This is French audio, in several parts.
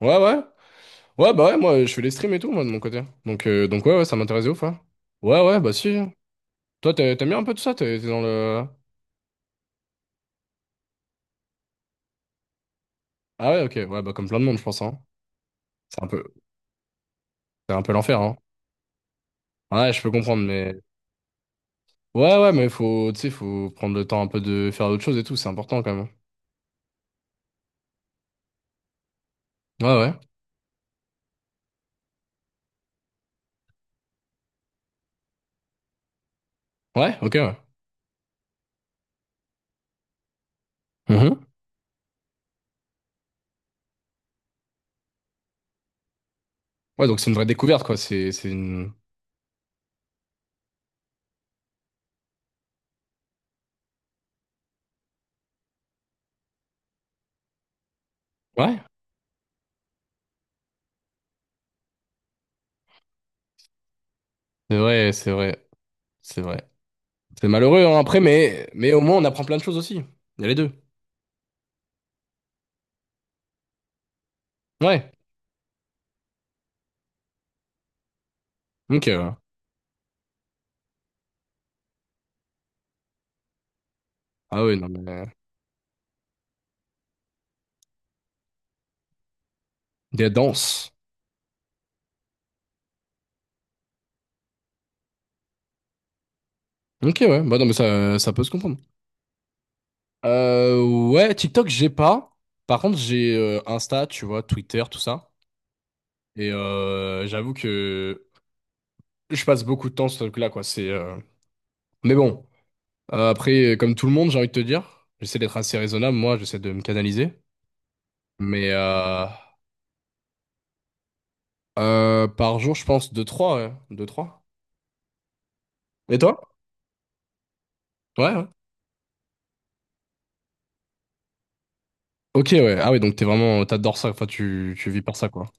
Ouais, ouais. Ouais, bah ouais, moi, je fais les streams et tout, moi, de mon côté. Donc ouais, ouais, ça m'intéresse de ouf, hein. Ouais, ouais, bah si. Toi, t'aimes bien un peu tout ça? T'es dans le... Ah ouais, ok. Ouais, bah comme plein de monde, je pense, hein. C'est un peu, c'est un peu l'enfer, hein. Ouais, je peux comprendre, mais... Ouais, ouais, mais faut, tu sais, faut prendre le temps un peu de faire autre chose et tout, c'est important, quand même. Ouais, ouais. Ouais, ok, ouais. Mhm. Ouais, donc c'est une vraie découverte, quoi. C'est une... Ouais, c'est vrai, c'est vrai, c'est vrai. C'est malheureux, hein, après, mais au moins, on apprend plein de choses aussi. Il y a les deux. Ouais. Ok, ouais. Ah oui, non mais... Des danses. Ok, ouais. Bah, non, mais ça peut se comprendre. Euh, ouais, TikTok, j'ai pas. Par contre, j'ai Insta, tu vois, Twitter, tout ça. Et j'avoue que je passe beaucoup de temps sur ce truc-là, quoi. Mais bon, Après, comme tout le monde, j'ai envie de te dire, j'essaie d'être assez raisonnable, moi, j'essaie de me canaliser. Mais euh, Par jour, je pense deux trois ouais. 2-3. Et toi? Ouais, ouais. Ok, ouais. Ah ouais, donc t'es vraiment, t'adores ça. Enfin, tu vis par ça, quoi.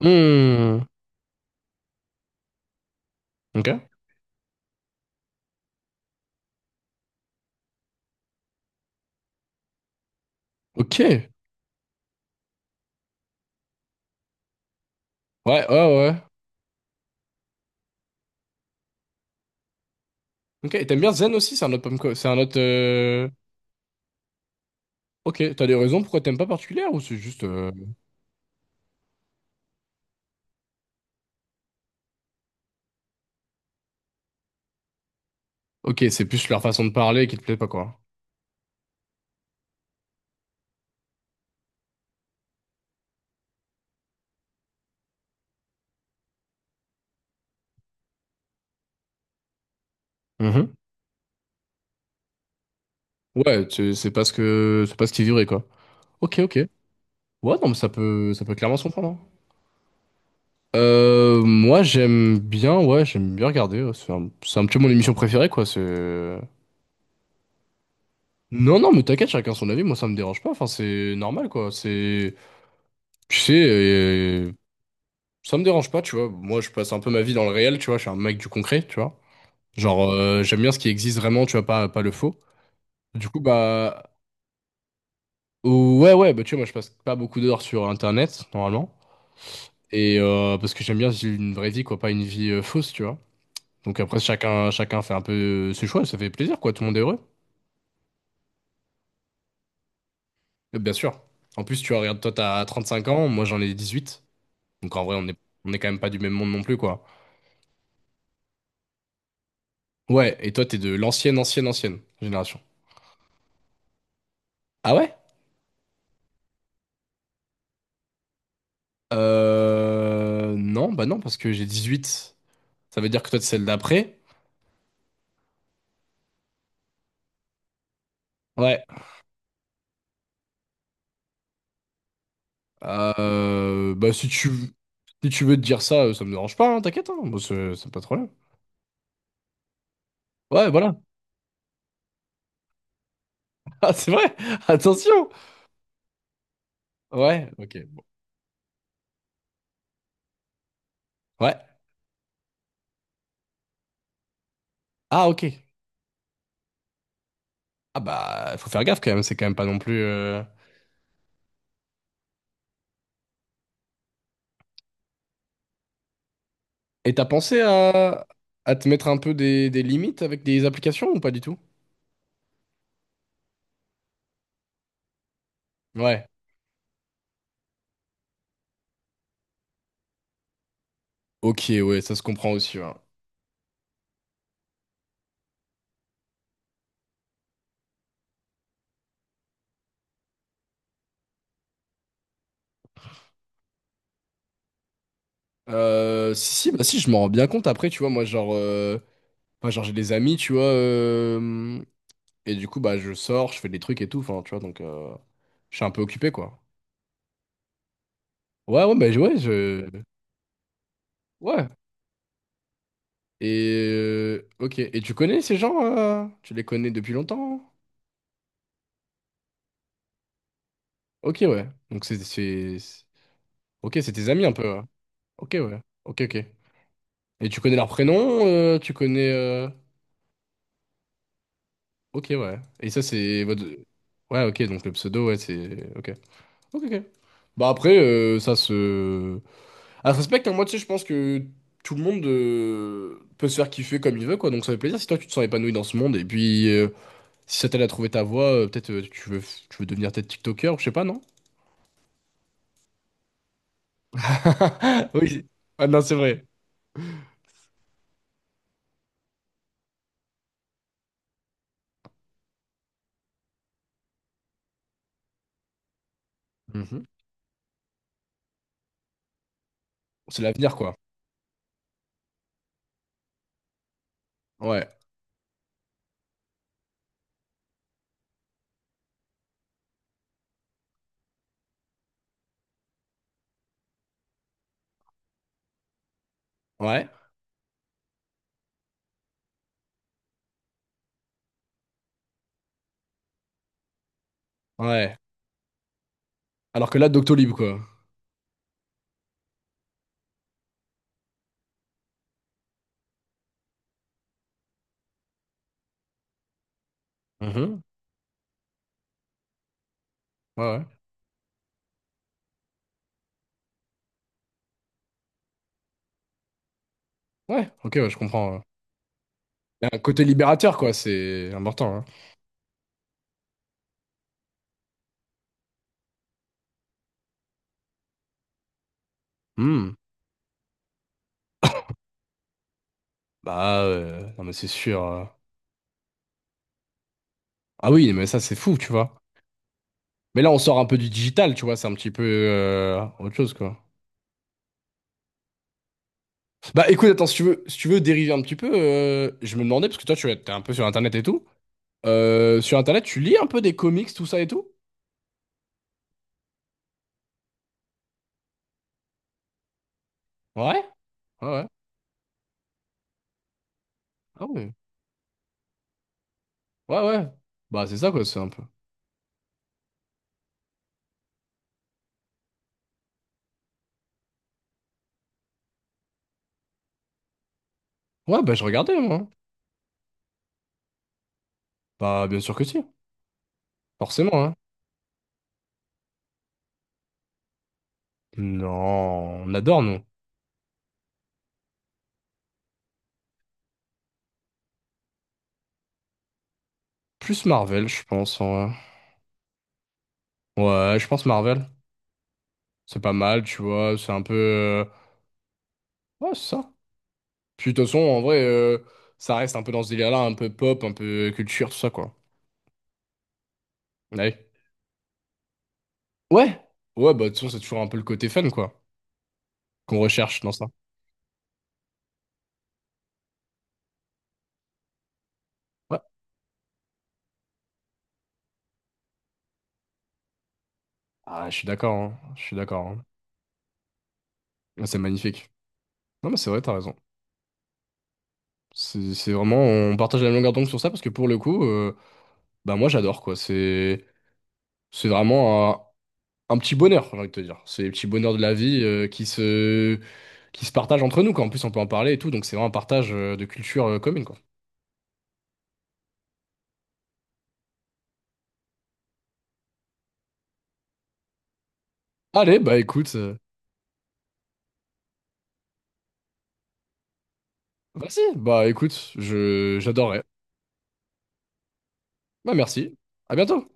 Hmm. Ok. Ok. Ouais, ouais. Ok. Et t'aimes bien Zen aussi? C'est un autre. Ok. T'as des raisons pourquoi t'aimes pas particulière ou c'est juste. Ok, c'est plus leur façon de parler qui te plaît pas, quoi. Mhm. Ouais, c'est pas ce que, c'est pas ce qu'ils vivraient, quoi. Ok, ok. Ouais, non, mais ça peut clairement se comprendre, hein. Moi j'aime bien, ouais, j'aime bien regarder, ouais. C'est un petit peu mon émission préférée, quoi. C'est... Non, non, mais t'inquiète, chacun son avis. Moi, ça me dérange pas. Enfin, c'est normal, quoi. C'est, tu sais, ça me dérange pas, tu vois. Moi, je passe un peu ma vie dans le réel, tu vois. Je suis un mec du concret, tu vois. Genre, j'aime bien ce qui existe vraiment, tu vois, pas le faux. Du coup, bah, ouais, ouais, bah, tu vois, moi, je passe pas beaucoup d'heures sur Internet, normalement. Et parce que j'aime bien vivre une vraie vie, quoi, pas une vie fausse, tu vois. Donc après, chacun fait un peu ses choix, ça fait plaisir, quoi, tout le monde est heureux. Et bien sûr. En plus, tu vois, regarde, toi, t'as 35 ans, moi j'en ai 18. Donc en vrai, on est quand même pas du même monde non plus, quoi. Ouais, et toi, t'es de l'ancienne, ancienne, ancienne génération. Ah ouais? Non, bah non, parce que j'ai 18. Ça veut dire que toi, t'es celle d'après. Ouais. Bah si tu... si tu veux te dire ça, ça me dérange pas, hein, t'inquiète, hein. Moi, c'est pas trop problème. Ouais, voilà. Ah, c'est vrai! Attention! Ouais, ok. Ouais. Ah, ok. Ah bah, faut faire gaffe quand même, c'est quand même pas non plus... Et t'as pensé à te mettre un peu des limites avec des applications ou pas du tout? Ouais. Ok, ouais, ça se comprend aussi, ouais. Si, si, bah si, je m'en rends bien compte après, tu vois, moi, genre... Moi, genre, j'ai des amis, tu vois, et du coup, bah, je sors, je fais des trucs et tout, enfin, tu vois, donc... Je suis un peu occupé, quoi. Ouais, ouais, bah, ouais, je... Ouais. Et... Ok, et tu connais ces gens, euh, tu les connais depuis longtemps? Ok, ouais. Donc, c'est- Ok, c'est tes amis un peu, ouais. Ok, ouais. Ok, ok. Et tu connais leur prénom, tu connais. Ok, ouais. Et ça, c'est votre. Ouais, ok, donc le pseudo, ouais, c'est. Ok. Ok, ok. Bah après, ça se. Ah, ça se respecte, hein. Moi, tu sais, je pense que tout le monde peut se faire kiffer comme il veut, quoi. Donc ça fait plaisir si toi, tu te sens épanoui dans ce monde. Et puis, si ça t'aide à trouver ta voie, peut-être tu veux devenir peut-être TikToker, ou je sais pas, non? Oui. Ah non, c'est vrai. Mhm. C'est l'avenir, quoi. Ouais. Ouais. Ouais. Alors que là, Doctolib, quoi. Mhm. Ouais, ouais. Ouais, ok, ouais, je comprends, ouais. Il y a un côté libérateur, quoi, c'est important, hein. Hmm. Bah, non, mais c'est sûr. Ah oui, mais ça, c'est fou, tu vois. Mais là, on sort un peu du digital, tu vois, c'est un petit peu autre chose, quoi. Bah, écoute, attends, si tu veux, si tu veux dériver un petit peu, je me demandais, parce que toi, tu es un peu sur Internet et tout. Sur Internet, tu lis un peu des comics, tout ça et tout? Ouais, ouais. Ah oui. Ouais, ouais. Bah, c'est ça, quoi, c'est un peu. Ouais, bah, je regardais, moi, hein. Bah, bien sûr que si, forcément, hein. Non, on adore, nous. Plus Marvel, je pense, en vrai. Ouais, je pense Marvel. C'est pas mal, tu vois, c'est un peu... Ouais, c'est ça. Puis de toute façon, en vrai, ça reste un peu dans ce délire-là, un peu pop, un peu culture, tout ça, quoi. Ouais. Ouais, ouais, bah de toute façon, c'est toujours un peu le côté fun, quoi, qu'on recherche dans ça. Ouais. Ah, je suis d'accord, hein. Je suis d'accord, hein. Ah, c'est magnifique. Non, mais c'est vrai, t'as raison. C'est vraiment... On partage la même longueur d'onde sur ça, parce que pour le coup, bah moi, j'adore, quoi. C'est vraiment... un petit bonheur, j'ai envie de te dire. C'est les petits bonheurs de la vie qui se partagent entre nous, quoi. En plus, on peut en parler et tout, donc c'est vraiment un partage de culture commune, quoi. Allez, bah écoute, bah si, bah écoute, j'adorerais. Bah merci, à bientôt.